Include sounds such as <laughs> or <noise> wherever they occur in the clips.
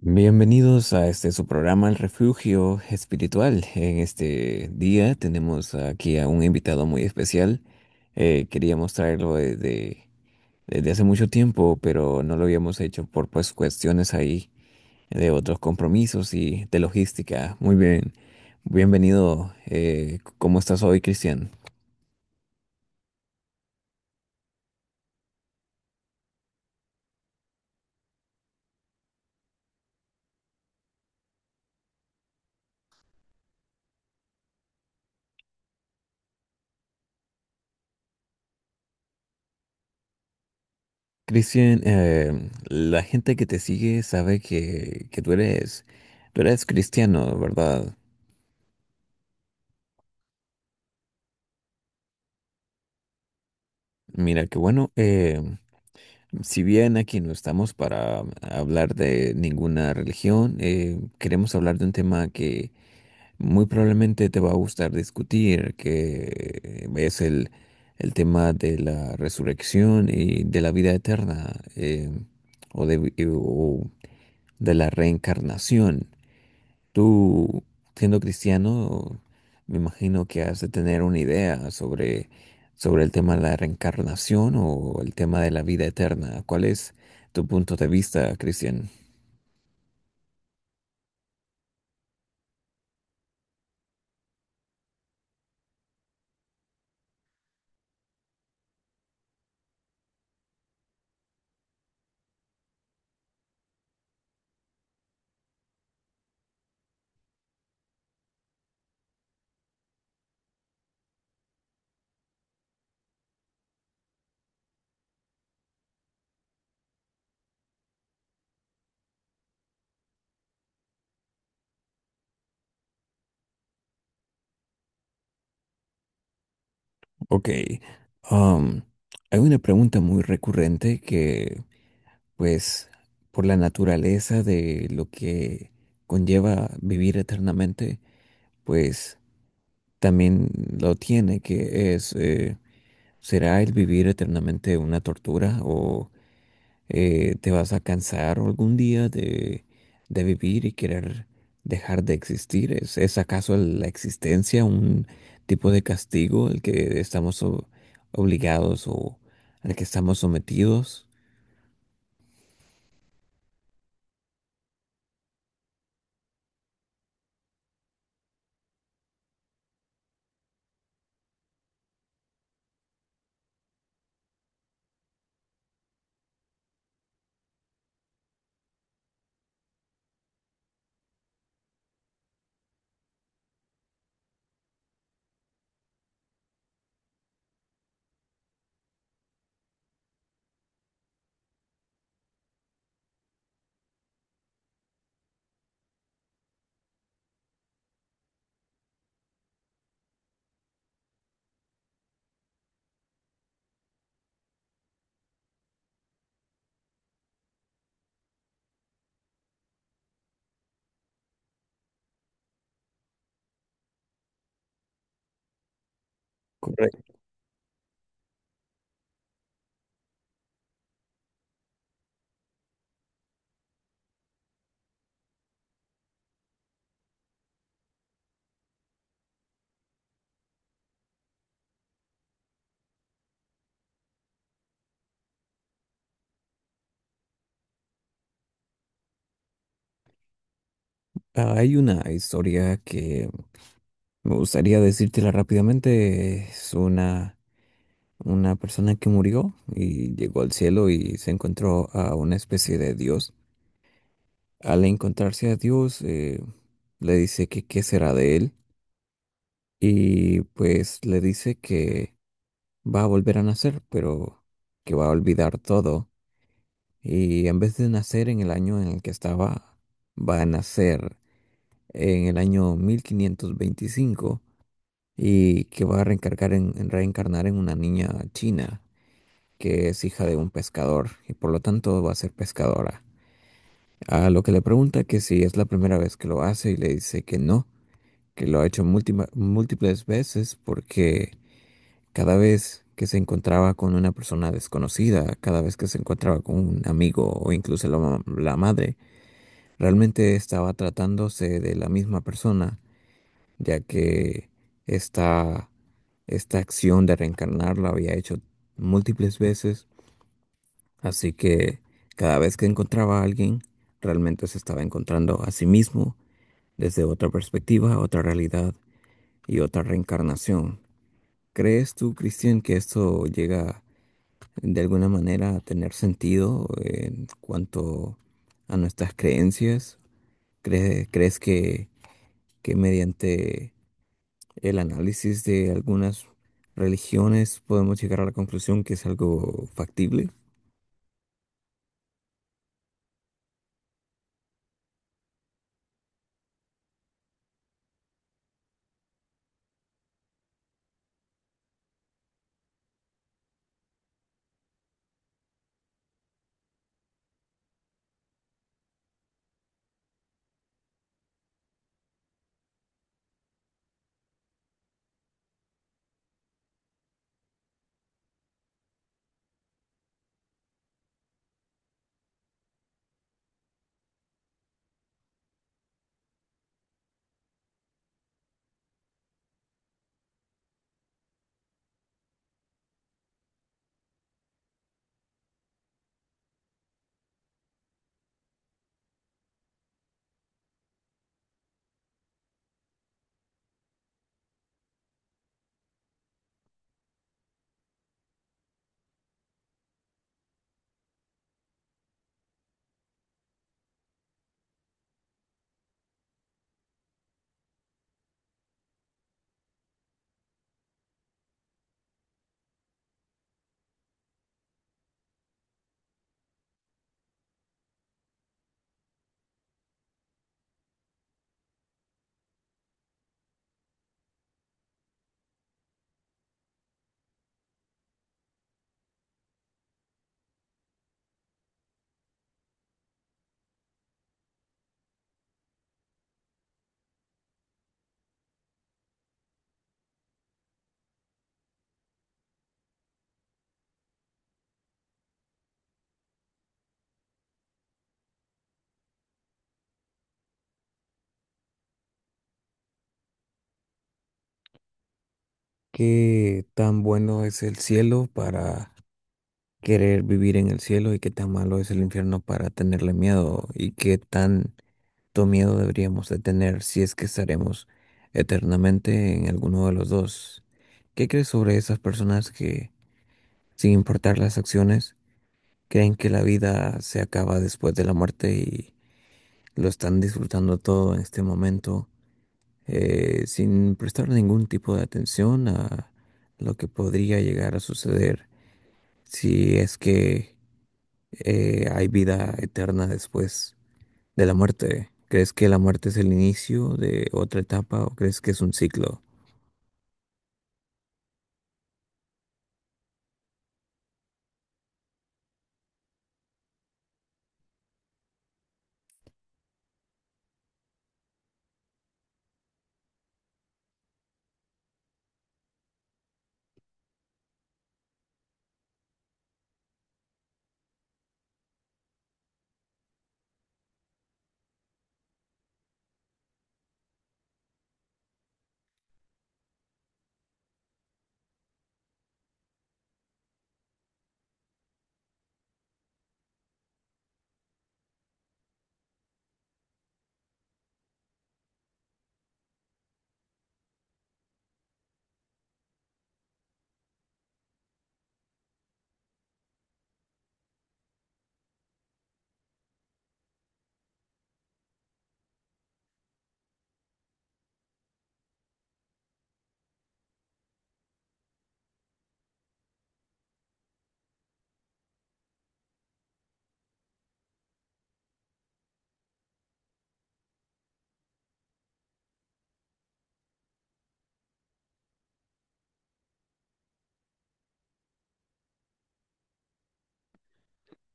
Bienvenidos a este su programa El Refugio Espiritual. En este día tenemos aquí a un invitado muy especial. Queríamos traerlo desde hace mucho tiempo, pero no lo habíamos hecho por pues cuestiones ahí de otros compromisos y de logística. Muy bien, bienvenido. ¿Cómo estás hoy, Cristian? Cristian, la gente que te sigue sabe que tú eres cristiano, ¿verdad? Mira, qué bueno. Si bien aquí no estamos para hablar de ninguna religión, queremos hablar de un tema que muy probablemente te va a gustar discutir, que es el tema de la resurrección y de la vida eterna, o de la reencarnación. Tú, siendo cristiano, me imagino que has de tener una idea sobre el tema de la reencarnación o el tema de la vida eterna. ¿Cuál es tu punto de vista, Cristian? Ok, um, hay una pregunta muy recurrente pues, por la naturaleza de lo que conlleva vivir eternamente, pues también lo tiene, que es, ¿será el vivir eternamente una tortura o... te vas a cansar algún día de vivir y querer dejar de existir? Es acaso la existencia un tipo de castigo al que estamos obligados o al que estamos sometidos? Correcto. Hay una historia que me gustaría decírtela rápidamente. Es una persona que murió y llegó al cielo y se encontró a una especie de Dios. Al encontrarse a Dios, le dice que qué será de él y pues le dice que va a volver a nacer, pero que va a olvidar todo y en vez de nacer en el año en el que estaba, va a nacer en el año 1525 y que va a reencargar en reencarnar en una niña china que es hija de un pescador y por lo tanto va a ser pescadora. A lo que le pregunta que si es la primera vez que lo hace y le dice que no, que lo ha hecho múltiples veces porque cada vez que se encontraba con una persona desconocida, cada vez que se encontraba con un amigo o incluso la madre, realmente estaba tratándose de la misma persona, ya que esta, esta acción de reencarnar la había hecho múltiples veces, así que cada vez que encontraba a alguien, realmente se estaba encontrando a sí mismo desde otra perspectiva, otra realidad y otra reencarnación. ¿Crees tú, Cristian, que esto llega de alguna manera a tener sentido en cuanto a nuestras creencias? ¿Crees que mediante el análisis de algunas religiones podemos llegar a la conclusión que es algo factible? ¿Qué tan bueno es el cielo para querer vivir en el cielo y qué tan malo es el infierno para tenerle miedo? ¿Y qué tan cuánto miedo deberíamos de tener si es que estaremos eternamente en alguno de los dos? ¿Qué crees sobre esas personas que, sin importar las acciones, creen que la vida se acaba después de la muerte y lo están disfrutando todo en este momento, sin prestar ningún tipo de atención a lo que podría llegar a suceder si es que hay vida eterna después de la muerte? ¿Crees que la muerte es el inicio de otra etapa o crees que es un ciclo?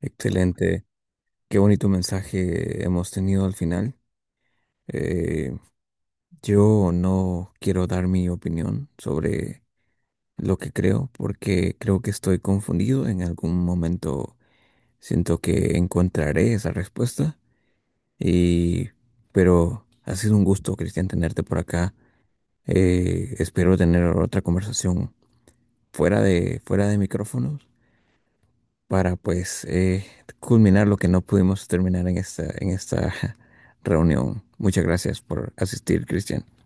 Excelente. Qué bonito mensaje hemos tenido al final. Eh, yo no quiero dar mi opinión sobre lo que creo porque creo que estoy confundido. En algún momento siento que encontraré esa respuesta. Y, pero ha sido un gusto, Cristian, tenerte por acá. Espero tener otra conversación fuera de micrófonos para pues culminar lo que no pudimos terminar en esta <laughs> reunión. Muchas gracias por asistir, Cristian.